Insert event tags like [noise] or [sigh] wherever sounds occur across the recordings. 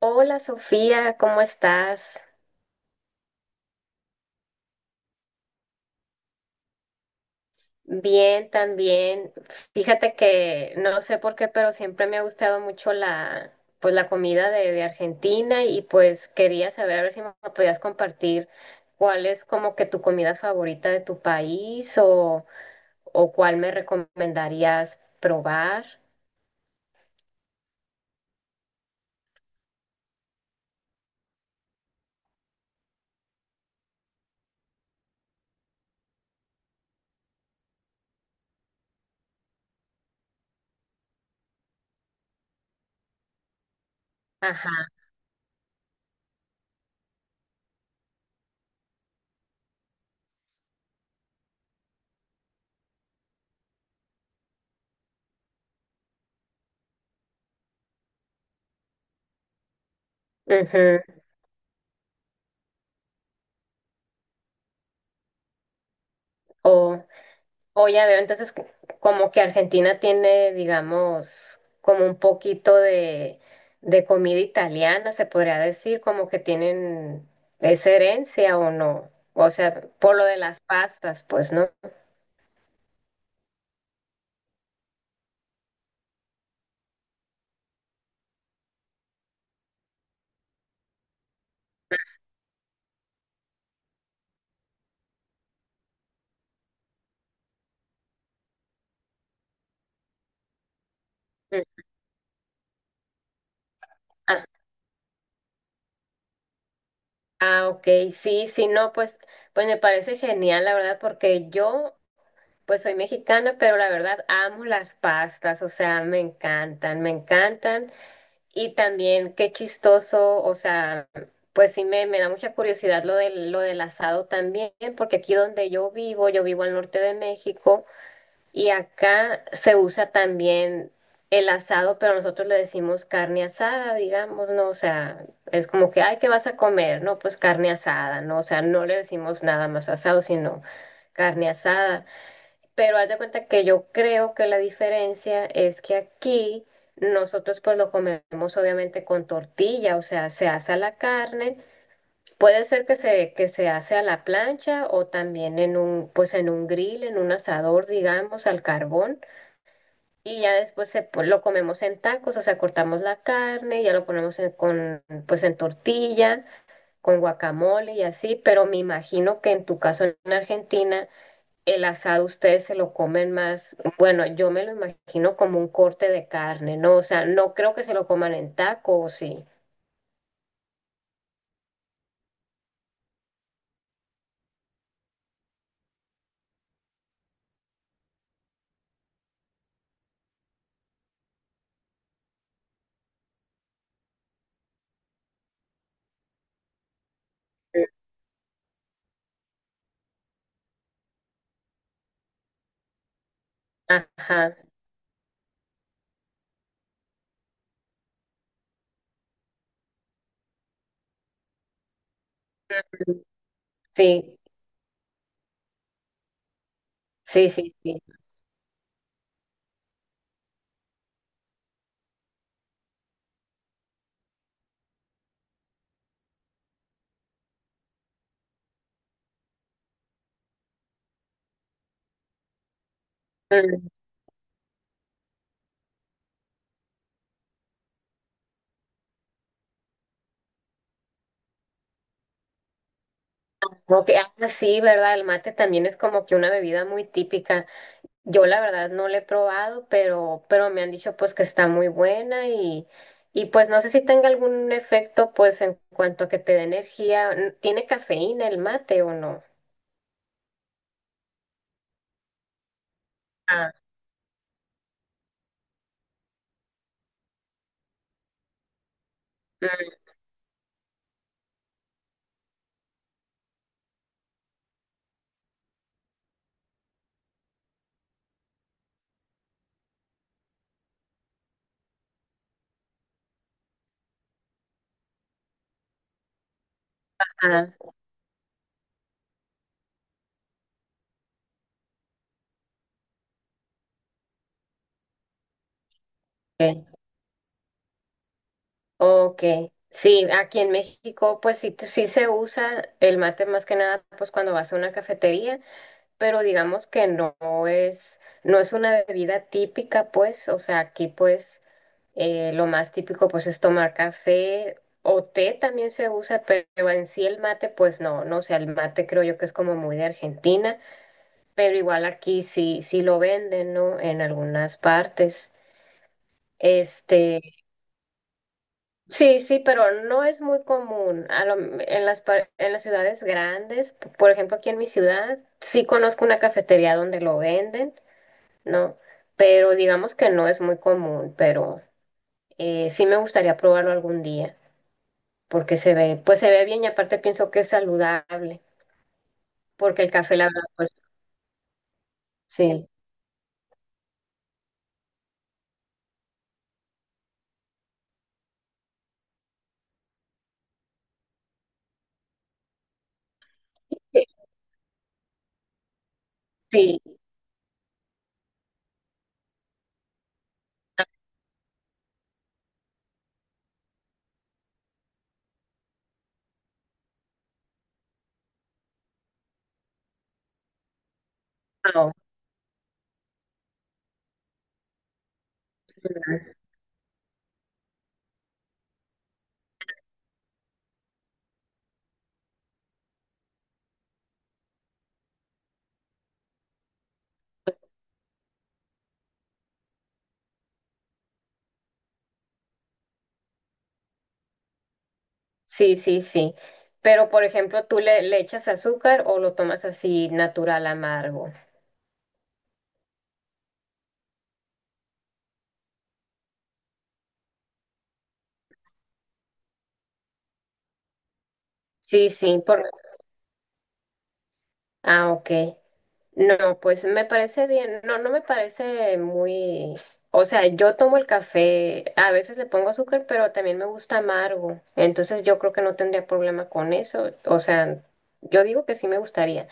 Hola Sofía, ¿cómo estás? Bien, también. Fíjate que no sé por qué, pero siempre me ha gustado mucho la comida de Argentina y pues quería saber a ver si me podías compartir cuál es como que tu comida favorita de tu país o cuál me recomendarías probar. Ajá. Ujú. O ya veo, entonces como que Argentina tiene, digamos, como un poquito de comida italiana, se podría decir, como que tienen esa herencia o no. O sea, por lo de las pastas, pues, ¿no? Mm. Ah, ah, ok, sí, sí, no, pues me parece genial, la verdad, porque yo, pues soy mexicana, pero la verdad amo las pastas, o sea, me encantan, me encantan. Y también qué chistoso, o sea, pues sí me da mucha curiosidad lo del asado también, porque aquí donde yo vivo al norte de México y acá se usa también el asado, pero nosotros le decimos carne asada, digamos, ¿no? O sea, es como que, ay, ¿qué vas a comer? No, pues carne asada, ¿no? O sea, no le decimos nada más asado, sino carne asada. Pero haz de cuenta que yo creo que la diferencia es que aquí nosotros pues lo comemos obviamente con tortilla, o sea, se asa la carne. Puede ser que se hace a la plancha o también en un, pues en un grill, en un asador, digamos, al carbón. Y ya después lo comemos en tacos, o sea, cortamos la carne, ya lo ponemos con, pues en tortilla, con guacamole y así. Pero me imagino que en tu caso en Argentina el asado ustedes se lo comen más, bueno, yo me lo imagino como un corte de carne, ¿no? O sea, no creo que se lo coman en taco, ¿o sí? Mm, ajá. Mm, sí, sí, sí, sí. Mm, ok, ah, sí, ¿verdad? El mate también es como que una bebida muy típica. Yo la verdad no la he probado, pero me han dicho pues que está muy buena y pues no sé si tenga algún efecto pues en cuanto a que te dé energía. ¿Tiene cafeína el mate o no? Ah, mm, ah, ok. Ok, sí, aquí en México pues sí, sí se usa el mate más que nada pues cuando vas a una cafetería, pero digamos que no es una bebida típica pues, o sea, aquí pues lo más típico pues es tomar café o té también se usa, pero en sí el mate pues no, no, o sea, el mate creo yo que es como muy de Argentina, pero igual aquí sí, sí lo venden, ¿no? En algunas partes. Este, Sí, sí, pero no es muy común. A lo- en las, par- en las ciudades grandes, por ejemplo, aquí en mi ciudad, sí conozco una cafetería donde lo venden, ¿no? Pero digamos que no es muy común, pero sí me gustaría probarlo algún día, porque se ve, pues se ve bien y aparte pienso que es saludable, porque el café, la verdad, pues sí, sí, sí, ahora, sí, sí, sí. Pero, por ejemplo, ¿tú le, le echas azúcar o lo tomas así natural, amargo? Sí, sí, por. Ah, ok. No, pues me parece bien. No, no me parece muy... O sea, yo tomo el café, a veces le pongo azúcar, pero también me gusta amargo. Entonces yo creo que no tendría problema con eso. O sea, yo digo que sí me gustaría.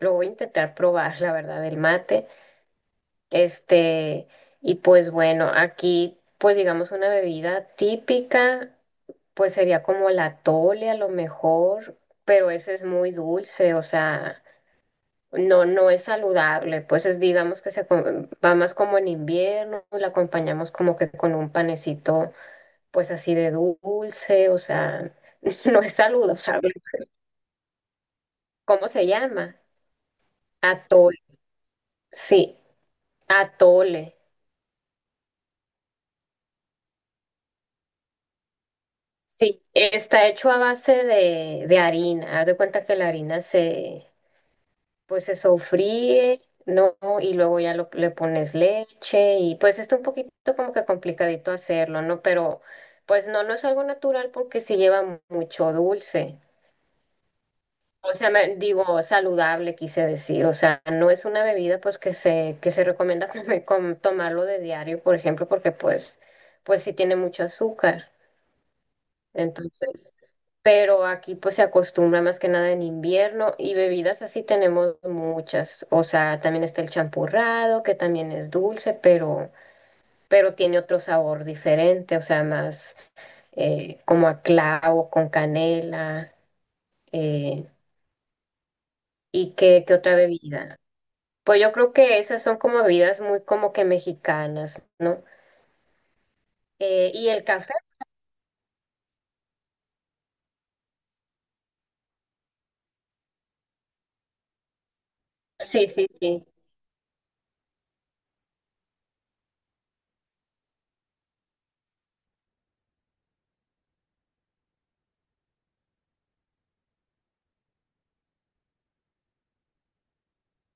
Lo voy a intentar probar, la verdad, el mate. Este, y pues bueno, aquí, pues digamos una bebida típica. Pues sería como la tole a lo mejor, pero ese es muy dulce, o sea, no, no es saludable, pues es, digamos que va más como en invierno, la acompañamos como que con un panecito, pues así de dulce, o sea, [laughs] no es saludable. ¿Cómo se llama? Atole, sí, atole. Sí, está hecho a base de harina. Haz de cuenta que la harina se sofríe, ¿no? Y luego ya le pones leche y pues está un poquito como que complicadito hacerlo, ¿no? Pero pues no, no es algo natural porque sí lleva mucho dulce. O sea, digo, saludable quise decir, o sea, no es una bebida pues que se recomienda [laughs] tomarlo de diario, por ejemplo, porque pues, sí tiene mucho azúcar. Entonces, pero aquí pues se acostumbra más que nada en invierno y bebidas así tenemos muchas. O sea, también está el champurrado, que también es dulce, pero tiene otro sabor diferente, o sea, más como a clavo, con canela. eh, ¿y qué otra bebida? Pues yo creo que esas son como bebidas muy como que mexicanas, ¿no? Y el café, sí, sí, sí.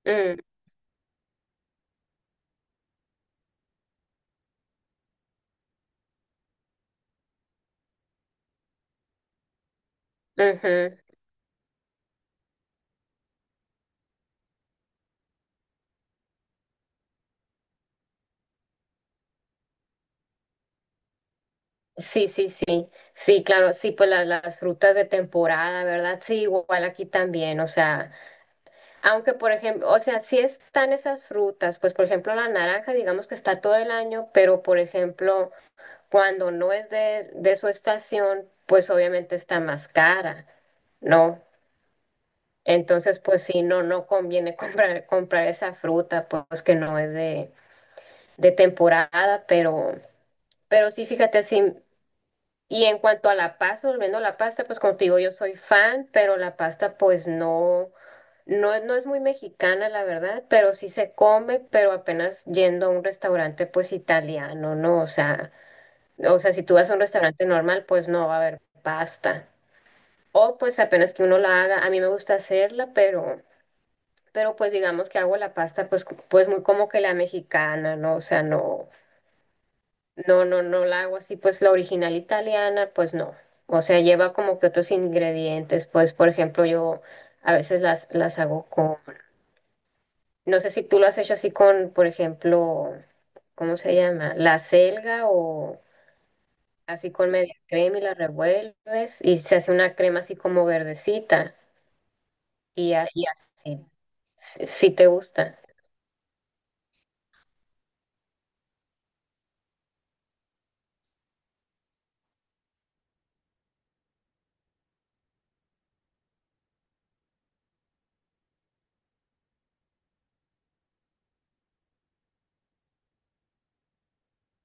Mm, ujú. Sí, sí, sí, sí, claro, sí, pues las frutas de temporada, ¿verdad? Sí, igual aquí también, o sea, aunque por ejemplo, o sea, sí están esas frutas, pues por ejemplo la naranja, digamos que está todo el año, pero por ejemplo, cuando no es de su estación, pues obviamente está más cara, ¿no? Entonces, pues sí, no, no conviene [laughs] comprar, comprar esa fruta, pues que no es de temporada, pero sí, fíjate, sí. Y en cuanto a la pasta, volviendo a la pasta, pues como te digo, yo soy fan, pero la pasta pues no, no, no es muy mexicana, la verdad, pero sí se come, pero apenas yendo a un restaurante pues italiano, ¿no? O sea, si tú vas a un restaurante normal, pues no va a haber pasta. O pues apenas que uno la haga, a mí me gusta hacerla, pero pues digamos que hago la pasta pues, pues muy como que la mexicana, ¿no? O sea, no. No, no, no la hago así, pues la original italiana, pues no. O sea, lleva como que otros ingredientes, pues por ejemplo, yo a veces las hago con, no sé si tú lo has hecho así con, por ejemplo, ¿cómo se llama? La selga o así con media crema y la revuelves y se hace una crema así como verdecita y, y así, si te gusta.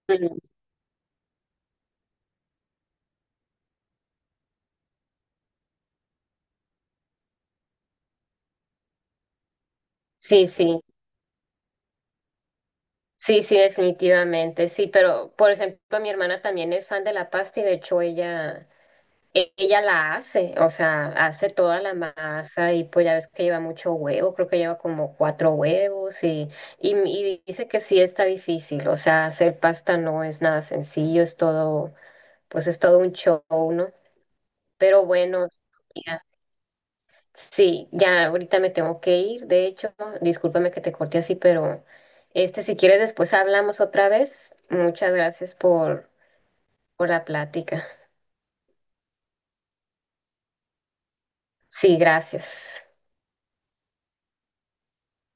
Mm, sí, sí. Sí, sí, definitivamente, sí, pero por ejemplo, mi hermana también es fan de la pasta y de hecho ella la hace, o sea, hace toda la masa y pues ya ves que lleva mucho huevo, creo que lleva como cuatro huevos y dice que sí está difícil, o sea, hacer pasta no es nada sencillo, es todo, pues es todo un show, ¿no? Pero bueno, ya, sí, ya ahorita me tengo que ir, de hecho, discúlpame que te corté así, pero si quieres después hablamos otra vez, muchas gracias por la plática. Sí, gracias.